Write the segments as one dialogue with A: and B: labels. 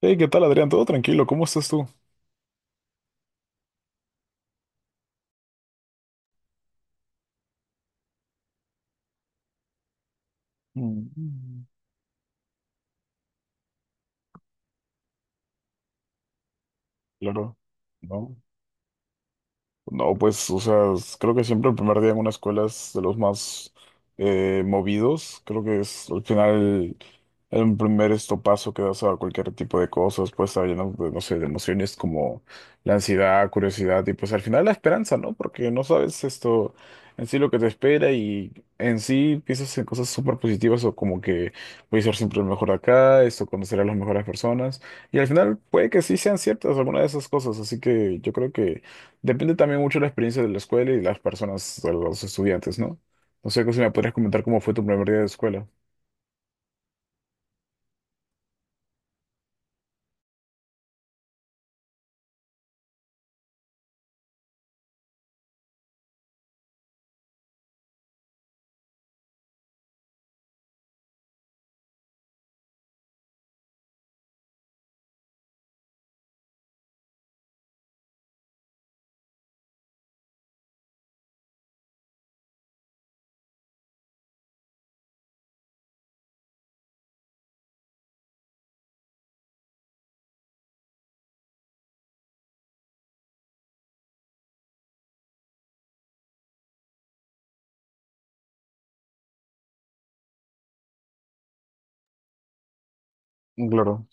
A: Hey, ¿qué tal, Adrián? ¿Todo tranquilo? ¿Cómo estás tú? Mm. Claro. ¿No? No, pues, o sea, creo que siempre el primer día en una escuela es de los más movidos. Creo que es al final el primer estopazo que das a cualquier tipo de cosas, pues está lleno de, no sé, de emociones como la ansiedad, curiosidad y pues al final la esperanza, ¿no? Porque no sabes esto en sí lo que te espera, y en sí piensas en cosas súper positivas, o como que voy a ser siempre el mejor acá, esto conocer a las mejores personas, y al final puede que sí sean ciertas algunas de esas cosas, así que yo creo que depende también mucho de la experiencia de la escuela y de las personas, de los estudiantes, ¿no? No sé, si me podrías comentar cómo fue tu primer día de escuela. Claro.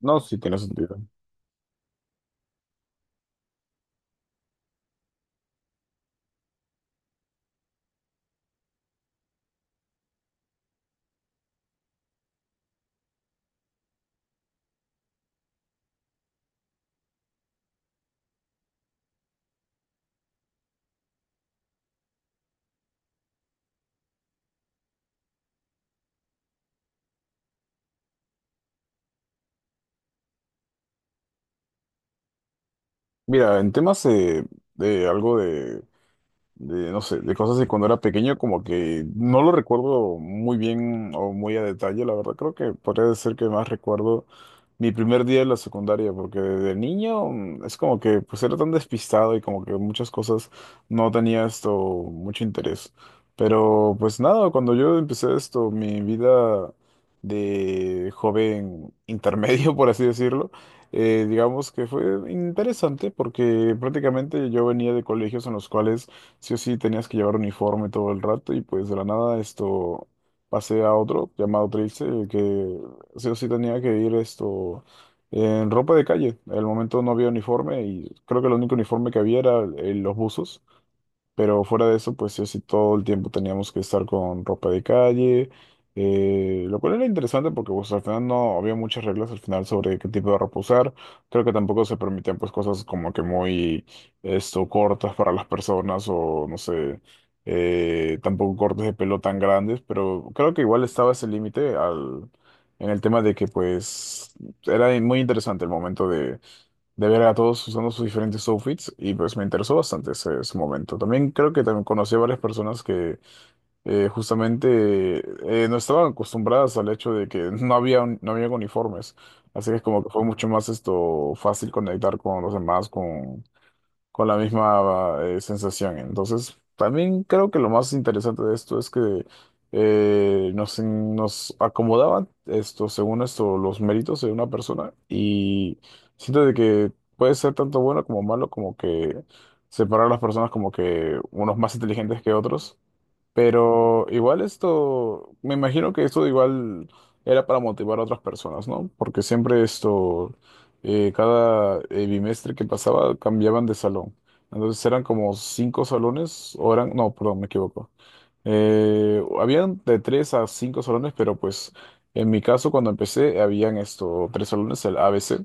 A: No, sí tiene sentido. Mira, en temas de, algo no sé, de cosas de cuando era pequeño, como que no lo recuerdo muy bien o muy a detalle, la verdad. Creo que podría decir que más recuerdo mi primer día de la secundaria, porque de niño, es como que pues era tan despistado y como que muchas cosas no tenía esto mucho interés. Pero pues nada, cuando yo empecé esto, mi vida de joven intermedio, por así decirlo, digamos que fue interesante porque prácticamente yo venía de colegios en los cuales sí o sí tenías que llevar uniforme todo el rato, y pues de la nada esto pasé a otro llamado Trilce, el que sí o sí tenía que ir esto en ropa de calle. En el momento no había uniforme y creo que el único uniforme que había era los buzos. Pero fuera de eso, pues sí, o sí, todo el tiempo teníamos que estar con ropa de calle, lo cual era interesante porque pues al final no había muchas reglas al final sobre qué tipo de ropa usar. Creo que tampoco se permitían pues cosas como que muy esto, cortas para las personas, o no sé, tampoco cortes de pelo tan grandes, pero creo que igual estaba ese límite al, en el tema de que pues era muy interesante el momento de ver a todos usando sus diferentes outfits, y pues me interesó bastante ese momento. También creo que también conocí a varias personas que justamente no estaban acostumbradas al hecho de que no había, no había uniformes. Así que es como que fue mucho más esto fácil conectar con los demás, con la misma sensación. Entonces, también creo que lo más interesante de esto es que nos acomodaban esto, según esto, los méritos de una persona, y siento de que puede ser tanto bueno como malo, como que separar a las personas como que unos más inteligentes que otros. Pero igual esto, me imagino que esto igual era para motivar a otras personas, ¿no? Porque siempre esto, cada bimestre que pasaba cambiaban de salón. Entonces eran como cinco salones, o eran, no, perdón, me equivoco. Habían de tres a cinco salones, pero pues en mi caso cuando empecé habían esto, tres salones: el A, B, C.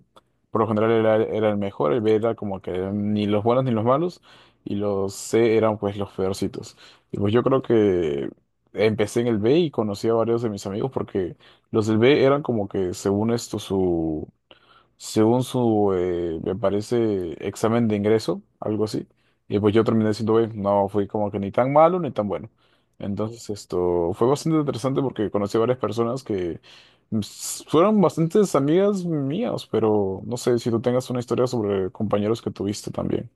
A: Por lo general era el mejor, el B era como que ni los buenos ni los malos, y los C eran pues los peorcitos. Y pues yo creo que empecé en el B y conocí a varios de mis amigos porque los del B eran como que según esto su según su, me parece, examen de ingreso, algo así. Y pues yo terminé siendo B, no fui como que ni tan malo ni tan bueno. Entonces esto fue bastante interesante porque conocí a varias personas que fueron bastantes amigas mías, pero no sé si tú tengas una historia sobre compañeros que tuviste también.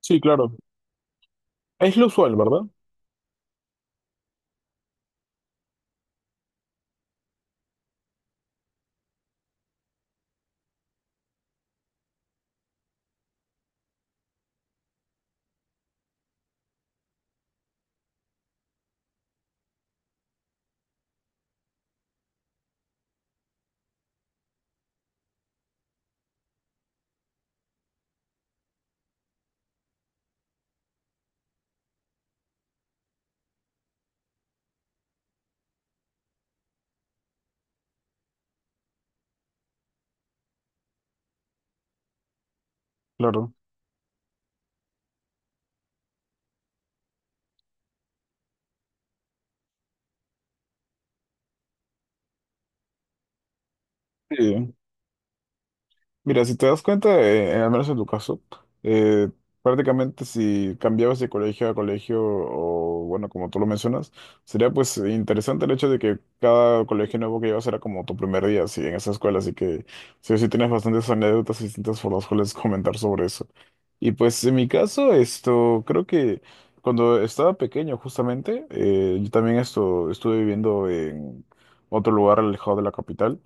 A: Sí, claro. Es lo usual, ¿verdad? Claro. Sí. Mira, si te das cuenta, al menos en tu caso, eh, prácticamente si cambiabas de colegio a colegio, o bueno, como tú lo mencionas, sería pues interesante el hecho de que cada colegio nuevo que llevas era como tu primer día así, en esa escuela, así que sí, o sí tienes bastantes anécdotas distintas por las cuales comentar sobre eso. Y pues en mi caso, esto, creo que cuando estaba pequeño justamente, yo también esto, estuve viviendo en otro lugar alejado de la capital,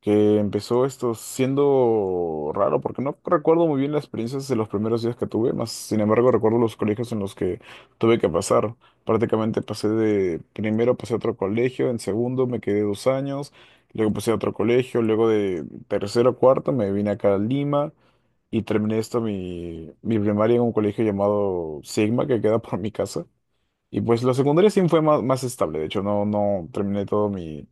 A: que empezó esto siendo raro, porque no recuerdo muy bien las experiencias de los primeros días que tuve, más sin embargo recuerdo los colegios en los que tuve que pasar. Prácticamente pasé de, primero pasé a otro colegio, en segundo me quedé 2 años, luego pasé a otro colegio, luego de tercero a cuarto me vine acá a Lima, y terminé esto mi primaria en un colegio llamado Sigma, que queda por mi casa. Y pues la secundaria sí fue más, más estable. De hecho, no terminé todo mi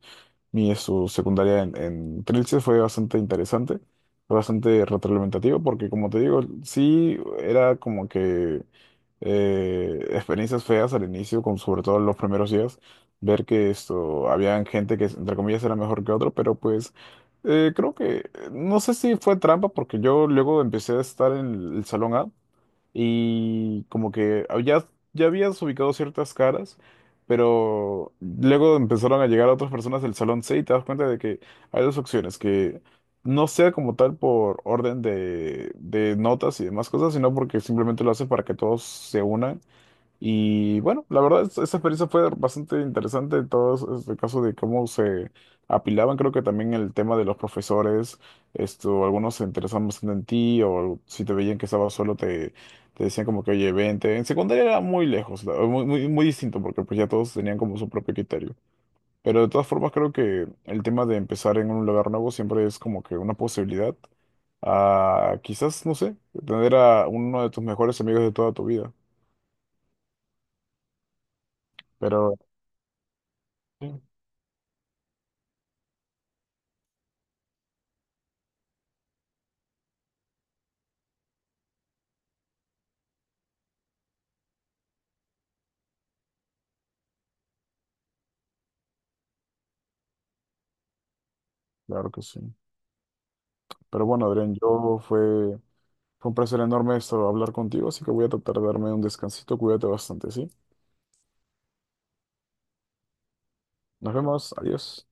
A: mi su secundaria en, Trilce. Fue bastante interesante, fue bastante retroalimentativo, porque como te digo, sí era como que experiencias feas al inicio, con, sobre todo los primeros días, ver que esto, había gente que entre comillas era mejor que otro, pero pues creo que, no sé si fue trampa, porque yo luego empecé a estar en el salón A, y como que ah, ya, ya habías ubicado ciertas caras, pero luego empezaron a llegar otras personas del salón C y te das cuenta de que hay dos opciones: que no sea como tal por orden de, notas y demás cosas, sino porque simplemente lo hace para que todos se unan. Y bueno, la verdad, esa experiencia fue bastante interesante. Todo este caso de cómo se apilaban, creo que también el tema de los profesores, esto, algunos se interesaban bastante en ti, o si te veían que estabas solo, te decían como que, oye, vente. En secundaria era muy lejos, muy, muy, muy distinto, porque pues ya todos tenían como su propio criterio. Pero de todas formas, creo que el tema de empezar en un lugar nuevo siempre es como que una posibilidad a, quizás, no sé, tener a uno de tus mejores amigos de toda tu vida. Pero... Claro que sí. Pero bueno, Adrián, fue un placer enorme esto hablar contigo, así que voy a tratar de darme un descansito. Cuídate bastante, ¿sí? Nos vemos. Adiós.